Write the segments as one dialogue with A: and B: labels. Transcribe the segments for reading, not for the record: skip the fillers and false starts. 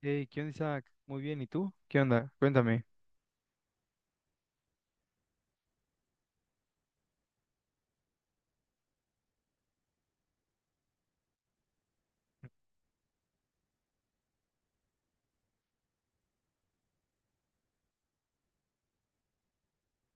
A: Hey, ¿qué onda, Isaac? Muy bien, ¿y tú? ¿Qué onda? Cuéntame.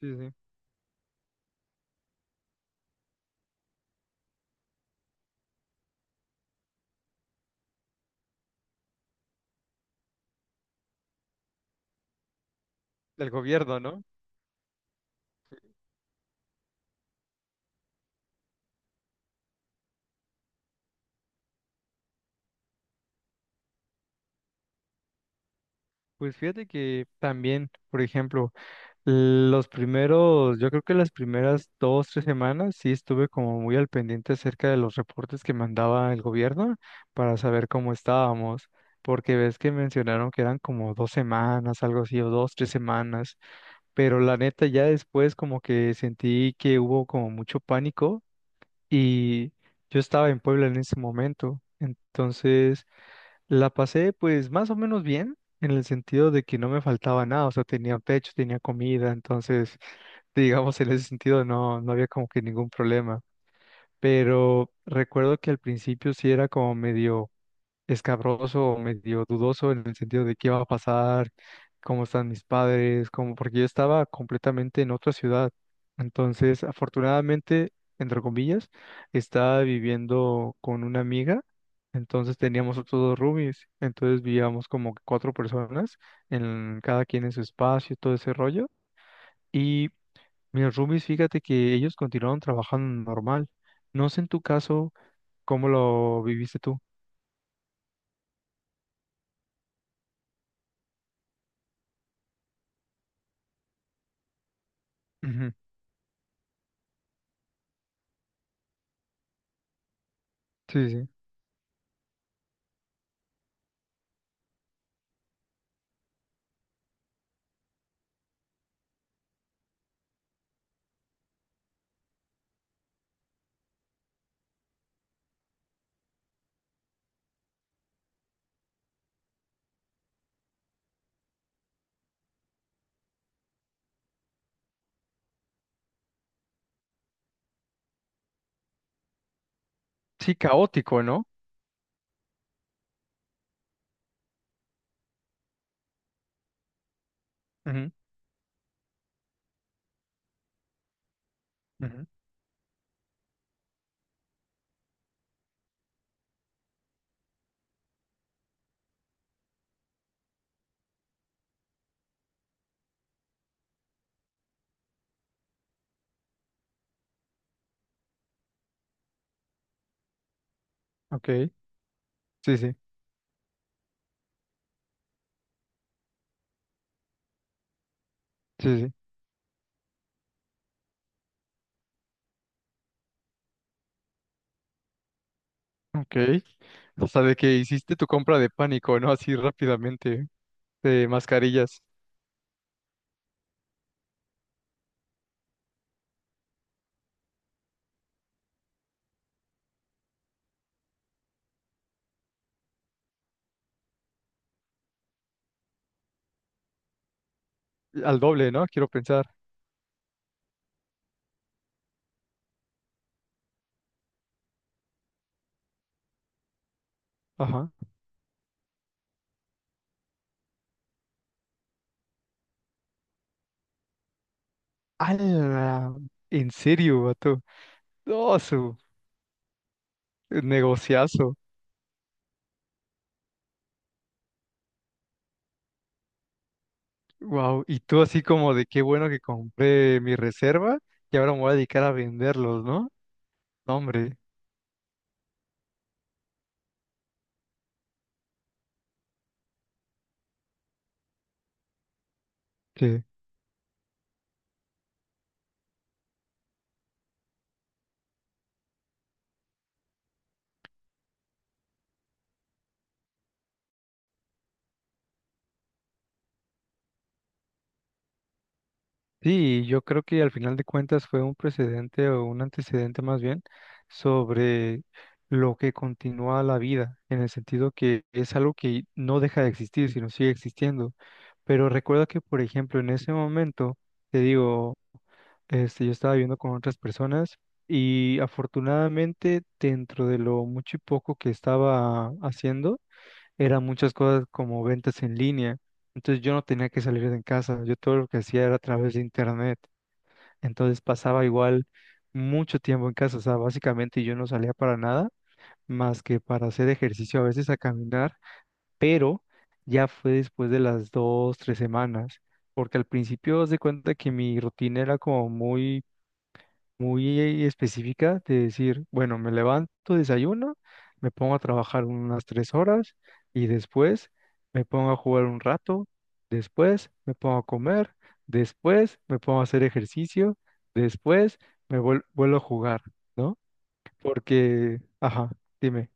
A: Sí, sí. Del gobierno, ¿no? Pues fíjate que también, por ejemplo, los primeros, yo creo que las primeras dos, tres semanas sí estuve como muy al pendiente acerca de los reportes que mandaba el gobierno para saber cómo estábamos, porque ves que mencionaron que eran como dos semanas, algo así, o dos, tres semanas, pero la neta ya después como que sentí que hubo como mucho pánico y yo estaba en Puebla en ese momento, entonces la pasé pues más o menos bien en el sentido de que no me faltaba nada, o sea, tenía pecho, tenía comida, entonces digamos en ese sentido no, no había como que ningún problema, pero recuerdo que al principio sí era como medio escabroso, medio dudoso en el sentido de qué va a pasar, cómo están mis padres, cómo, porque yo estaba completamente en otra ciudad. Entonces, afortunadamente, entre comillas, estaba viviendo con una amiga. Entonces teníamos otros dos roomies, entonces vivíamos como cuatro personas, en cada quien en su espacio, todo ese rollo. Y mis roomies, fíjate que ellos continuaron trabajando normal. No sé en tu caso cómo lo viviste tú. Ujú, sí, sí. Sí, caótico, ¿no? Ujú, ujú. Ok, sí, sí, sí, sí. Ok. O sea, de que hiciste tu compra de pánico, ¿no? Así rápidamente, de mascarillas. Al doble, ¿no? Quiero pensar. Ajá. ¡Hala! ¿En serio, vato? ¡Oh, su negociazo! Wow. Y tú así como de qué bueno que compré mi reserva y ahora me voy a dedicar a venderlos, ¿no? No, hombre. Sí, yo creo que al final de cuentas fue un precedente o un antecedente más bien sobre lo que continúa la vida, en el sentido que es algo que no deja de existir, sino sigue existiendo. Pero recuerda que, por ejemplo, en ese momento, te digo, este, yo estaba viviendo con otras personas y afortunadamente dentro de lo mucho y poco que estaba haciendo, eran muchas cosas como ventas en línea. Entonces yo no tenía que salir de casa, yo todo lo que hacía era a través de internet. Entonces pasaba igual mucho tiempo en casa, o sea, básicamente yo no salía para nada más que para hacer ejercicio, a veces a caminar, pero ya fue después de las dos, tres semanas, porque al principio haz de cuenta que mi rutina era como muy muy específica de decir, bueno, me levanto, desayuno, me pongo a trabajar unas tres horas y después me pongo a jugar un rato, después me pongo a comer, después me pongo a hacer ejercicio, después vuelvo a jugar, ¿no? Porque, ajá, dime,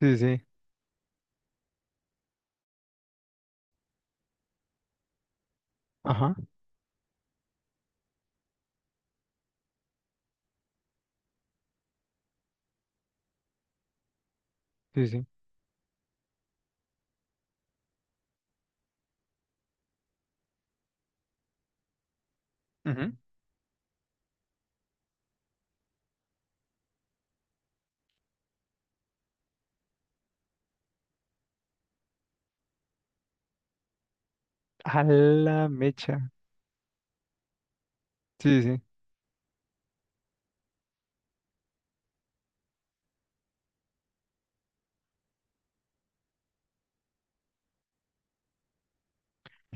A: sí, sí, sí, ajá, sí, sí. Ujú, a la mecha, sí, sí,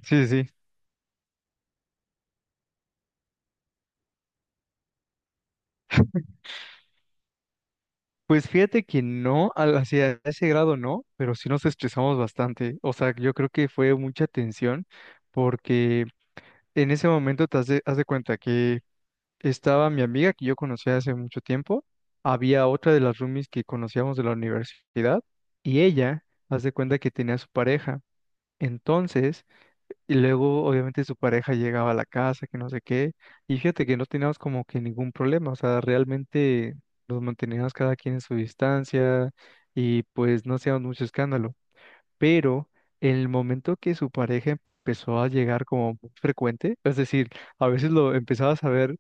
A: sí, sí. Pues fíjate que no, hacia ese grado no, pero sí nos estresamos bastante. O sea, yo creo que fue mucha tensión porque en ese momento te has de, haz de cuenta que estaba mi amiga que yo conocía hace mucho tiempo, había otra de las roomies que conocíamos de la universidad y ella, haz de cuenta que tenía su pareja. Entonces, y luego, obviamente, su pareja llegaba a la casa, que no sé qué. Y fíjate que no teníamos como que ningún problema. O sea, realmente nos manteníamos cada quien en su distancia y pues no hacíamos mucho escándalo. Pero en el momento que su pareja empezó a llegar como muy frecuente, es decir, a veces lo empezabas a ver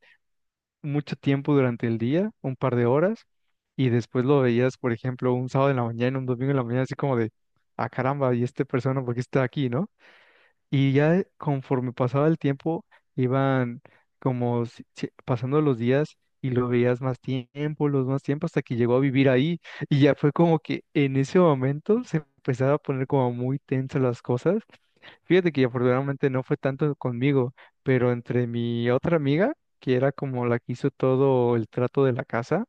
A: mucho tiempo durante el día, un par de horas, y después lo veías, por ejemplo, un sábado en la mañana, un domingo en la mañana, así como de, ah, caramba, ¿y esta persona por qué está aquí, no? Y ya conforme pasaba el tiempo, iban como pasando los días y lo veías más tiempo, los más tiempo, hasta que llegó a vivir ahí. Y ya fue como que en ese momento se empezaba a poner como muy tensas las cosas. Fíjate que afortunadamente no fue tanto conmigo, pero entre mi otra amiga, que era como la que hizo todo el trato de la casa,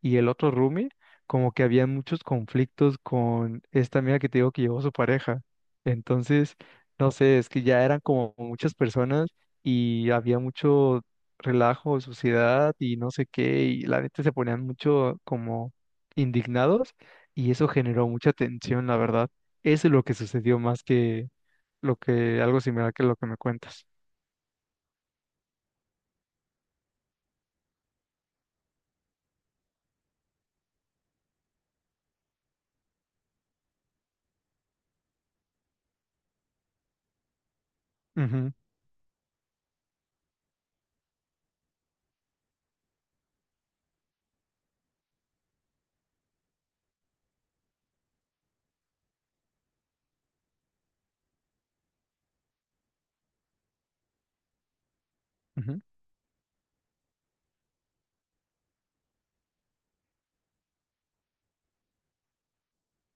A: y el otro roomie, como que había muchos conflictos con esta amiga que te digo que llevó su pareja. Entonces, no sé, es que ya eran como muchas personas y había mucho relajo, suciedad y no sé qué, y la neta se ponían mucho como indignados y eso generó mucha tensión, la verdad. Eso es lo que sucedió más que lo que algo similar que lo que me cuentas. Ujú, ujú,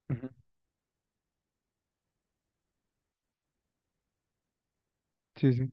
A: ujú. Sí, sí.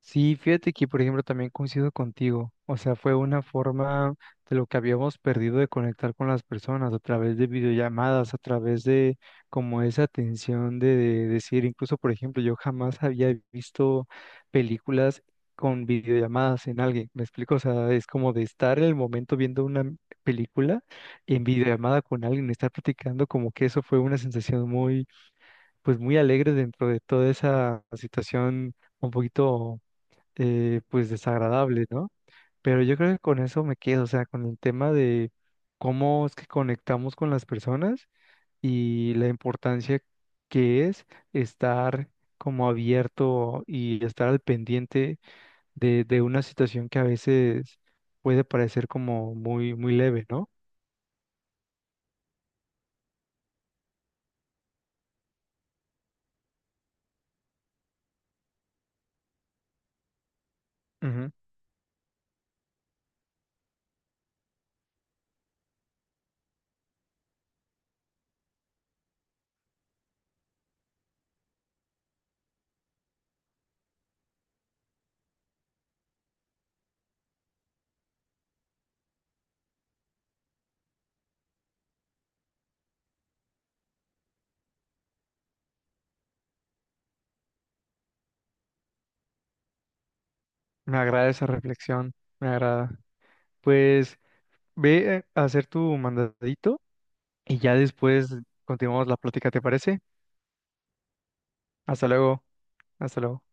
A: Sí, fíjate que, por ejemplo, también coincido contigo. O sea, fue una forma de lo que habíamos perdido de conectar con las personas a través de videollamadas, a través de como esa atención de decir, incluso, por ejemplo, yo jamás había visto películas con videollamadas en alguien. ¿Me explico? O sea, es como de estar en el momento viendo una película en videollamada con alguien, estar platicando, como que eso fue una sensación muy, pues muy alegre dentro de toda esa situación un poquito pues desagradable, ¿no? Pero yo creo que con eso me quedo, o sea, con el tema de cómo es que conectamos con las personas y la importancia que es estar como abierto y estar al pendiente de una situación que a veces puede parecer como muy, muy leve, ¿no? Ujú. Me agrada esa reflexión, me agrada. Pues ve a hacer tu mandadito y ya después continuamos la plática, ¿te parece? Hasta luego, hasta luego.